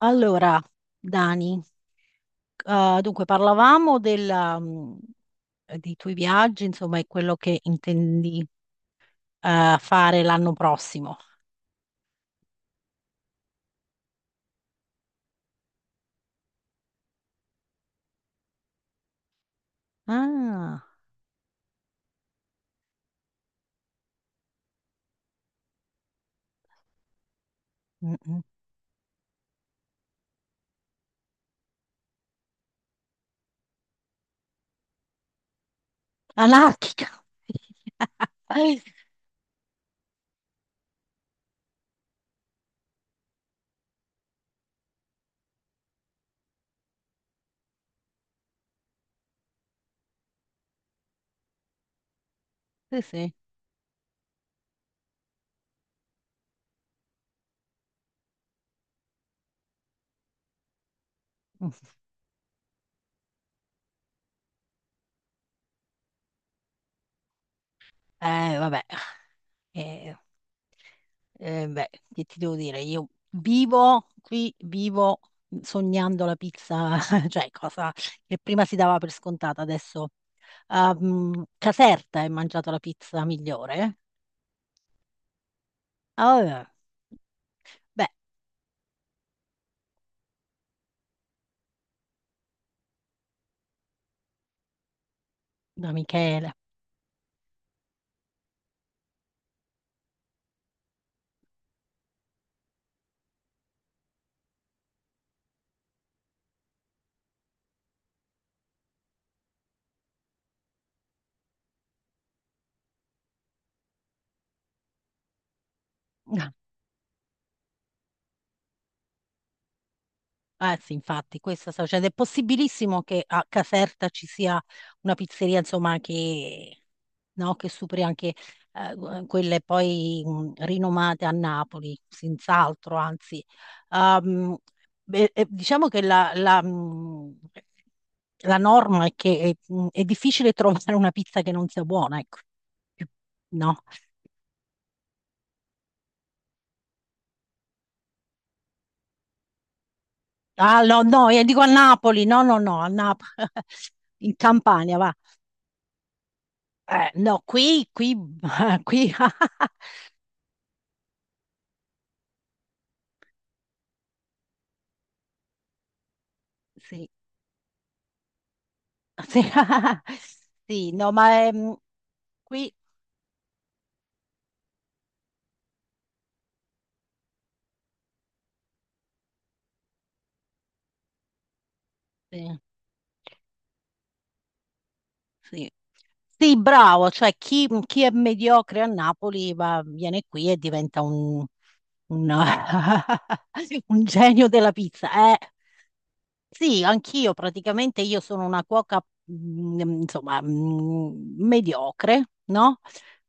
Allora, Dani, dunque parlavamo della, dei tuoi viaggi, insomma, e quello che intendi fare l'anno prossimo. Ah, mm, mm. Anarchica! Sì, sì. Mm. Eh, vabbè, Eh, beh, che ti devo dire? Io vivo qui, vivo sognando la pizza, cioè cosa che prima si dava per scontata, adesso... Ah, Caserta hai mangiato la pizza migliore? Ah, beh, da Michele. Ah, eh sì, infatti, questo sta succedendo. È possibilissimo che a Caserta ci sia una pizzeria, insomma, che, no, che superi anche quelle poi rinomate a Napoli, senz'altro, anzi. Ehm, beh, diciamo che la la norma è che è difficile trovare una pizza che non sia buona, ecco. Più- No? Ah, no, no, io dico a Napoli, no, no, no, a Napoli, in Campania, va. No, qui, qui, qui, sì, sì, sì, no, ma qui, sì, sì. Sì, bravo, cioè chi, chi è mediocre a Napoli va, viene qui e diventa un, un genio della pizza, eh. Sì, anch'io praticamente io sono una cuoca, insomma, mediocre, no?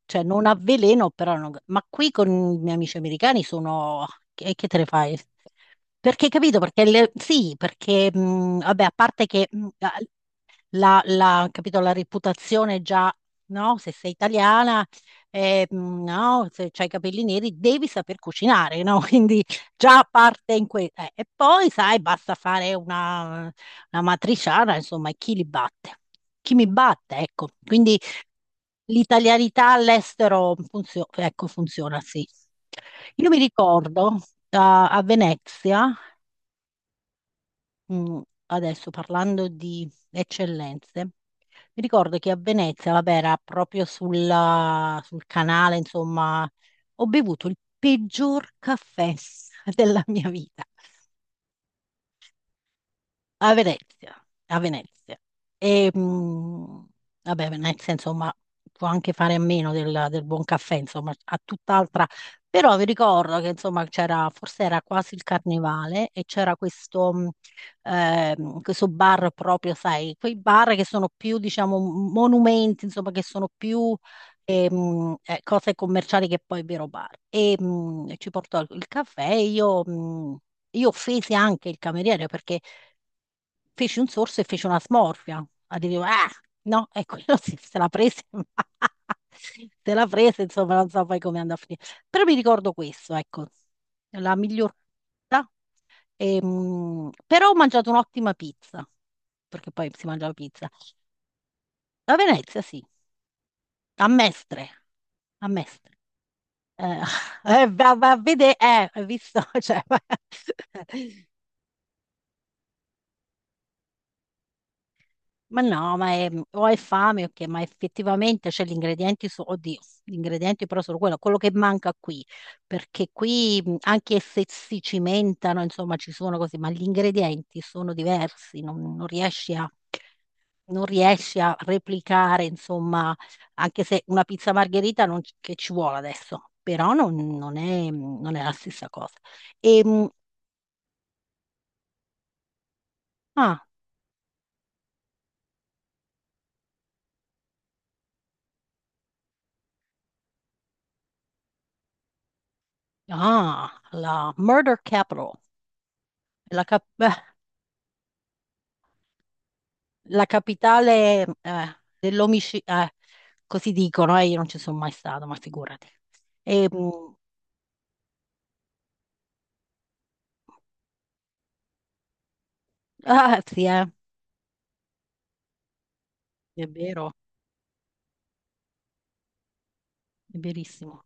Cioè non avveleno, però non- Ma qui con i miei amici americani sono... che te ne fai? Perché, capito? Perché le- sì, perché, vabbè, a parte che capito, la reputazione già, no? Se sei italiana, no? Se hai i capelli neri, devi saper cucinare, no? Quindi già parte in questo. E poi, sai, basta fare una matriciana, insomma, e chi li batte? Chi mi batte, ecco. Quindi l'italianità all'estero funzio- ecco, funziona, sì. Io mi ricordo a Venezia, mm, adesso parlando di eccellenze, mi ricordo che a Venezia, vabbè, era proprio sulla- sul canale, insomma, ho bevuto il peggior caffè della mia vita a Venezia, a Venezia. E, mh, vabbè, Venezia, insomma, può anche fare a meno del, del buon caffè, insomma, a tutt'altra. Però vi ricordo che, insomma, c'era, forse era quasi il carnevale e c'era questo questo bar proprio, sai, quei bar che sono più, diciamo, monumenti, insomma, che sono più cose commerciali che poi vero bar. Ci portò il caffè e io... Io offesi anche il cameriere perché feci un sorso e fece una smorfia. Ah, dicevo, ah, no, e quello si- se la prese, ma se la prese, insomma, non so poi come andò a finire. Però mi ricordo questo, ecco, la miglior pizza. Però ho mangiato un'ottima pizza, perché poi si mangiava pizza. A Venezia, sì, a Mestre, a Mestre. Eh, va, va a vedere, hai visto? Cioè, Ma no, ma è- o hai fame o che, ma effettivamente c'è gli ingredienti, su, oddio, gli ingredienti però sono quello, quello che manca qui, perché qui anche se si cimentano, insomma, ci sono così, ma gli ingredienti sono diversi, non, non riesci a, non riesci a replicare, insomma, anche se una pizza margherita non, c- che ci vuole adesso, però non, non è, non è la stessa cosa. E, mh, ah, ah, la Murder Capital, la cap- la capitale dell'omicidio, così dicono, io non ci sono mai stato, ma figurati. E, mm, ah, sì, è vero, è verissimo.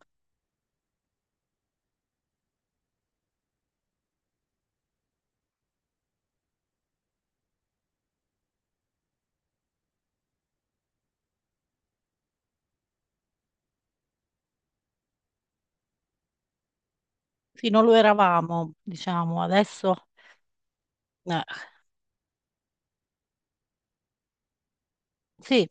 Sì, non lo eravamo, diciamo, adesso... eh, sì,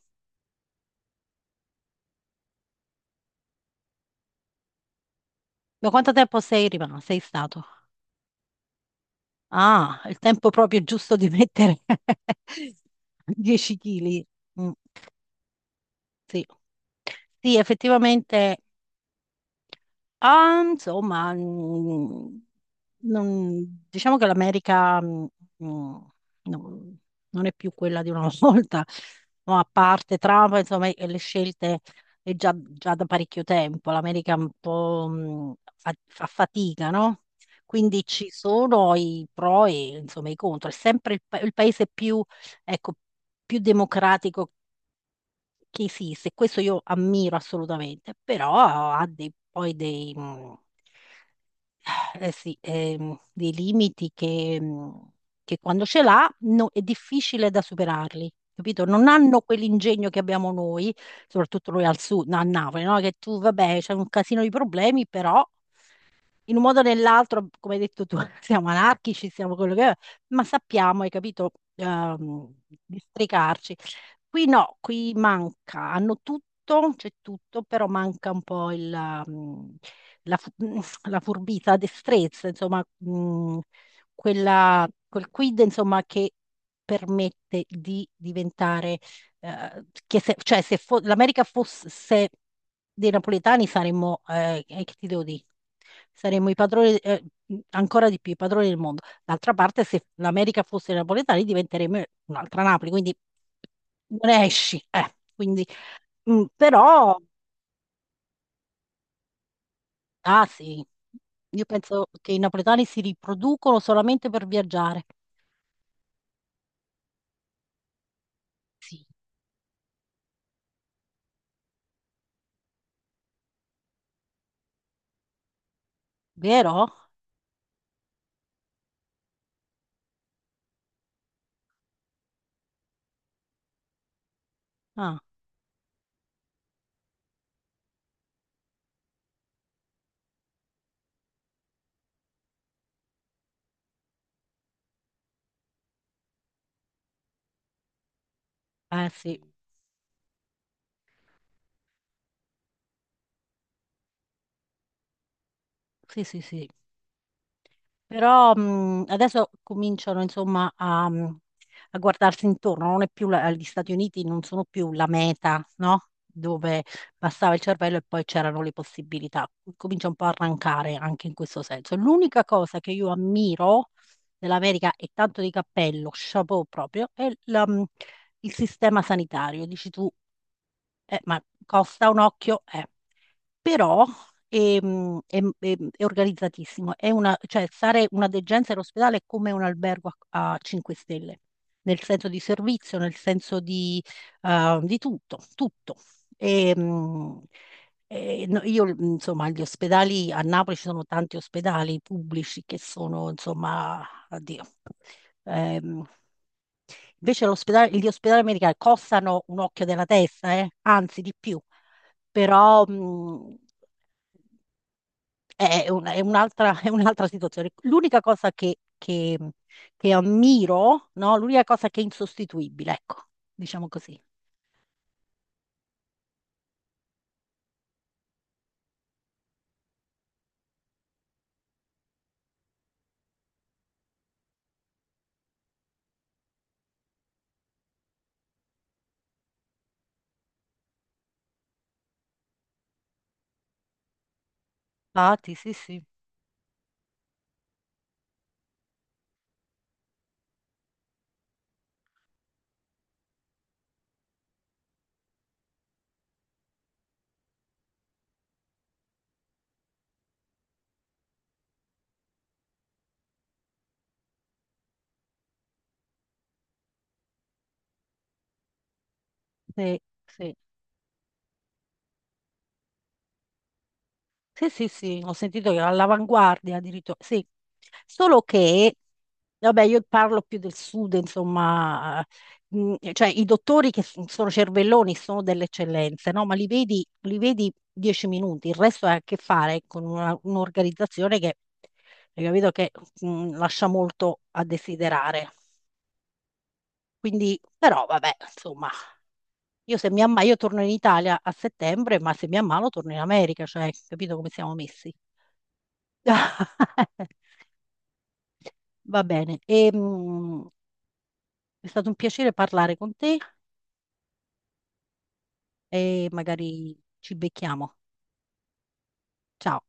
da quanto tempo sei rimasto? Sei stato? Ah, il tempo proprio giusto di mettere 10 kg. Sì. Sì, effettivamente Ah, insomma, non- diciamo che l'America mm, non, non è più quella di una volta, no, a parte Trump, insomma, e le scelte è già, già da parecchio tempo. L'America un po' fa, fa fatica, no? Quindi ci sono i pro e insomma, i contro. È sempre il, pa- il paese più, ecco, più democratico che esiste, questo io ammiro assolutamente, però ha dei- poi dei, eh sì, dei limiti che quando ce l'ha no- è difficile da superarli. Capito? Non hanno quell'ingegno che abbiamo noi, soprattutto noi al sud, no, a Napoli, no? Che tu, vabbè, c'è un casino di problemi, però in un modo o nell'altro, come hai detto tu, siamo anarchici, siamo quello che è, ma sappiamo, hai capito, districarci. Qui no, qui manca, hanno tutto, c'è tutto, però manca un po' il, la, fu- mm, la furbizia, la destrezza, insomma, quella- quel quid, insomma, che permette di diventare, che se, cioè se fo- l'America fosse dei napoletani saremmo, che ti devo dire, saremmo i padroni, ancora di più, i padroni del mondo. D'altra parte, se l'America fosse napoletani, diventeremmo un'altra Napoli, quindi non esci. Però, ah sì, io penso che i napoletani si riproducono solamente per viaggiare. Sì, vero? Ah, eh sì, sì, sì, sì. Però adesso cominciano insomma a, a guardarsi intorno, non è più la- gli Stati Uniti non sono più la meta, no? Dove passava il cervello e poi c'erano le possibilità. Comincia un po' a arrancare anche in questo senso. L'unica cosa che io ammiro dell'America, e tanto di cappello, chapeau proprio, è il sistema sanitario. Dici tu, ma costa un occhio, eh. Però è organizzatissimo. È una, cioè, stare una degenza all'ospedale è come un albergo a 5 stelle, nel senso di servizio, nel senso di tutto, tutto. Ehm, no, io, insomma, gli ospedali a Napoli ci sono tanti ospedali pubblici che sono, insomma, addio. ehm, Invece l'ospedale- gli ospedali americani costano un occhio della testa, anzi di più, però è un'altra è un'altra situazione. L'unica cosa che ammiro, no? L'unica cosa che è insostituibile, ecco, diciamo così. Infatti, sì, sì, sì, sì. Sì, sì, sì, ho sentito che era all'avanguardia addirittura. Sì, solo che, vabbè, io parlo più del sud, insomma, cioè i dottori che s- sono cervelloni sono delle eccellenze, no? Ma li vedi 10 minuti, il resto ha a che fare con una- un'organizzazione che, hai capito, che lascia molto a desiderare. Quindi, però, vabbè, insomma, io se mi ammalo, io torno in Italia a settembre, ma se mi ammalo torno in America, cioè, capito come siamo messi? Va bene, è stato un piacere parlare con te e magari ci becchiamo. Ciao.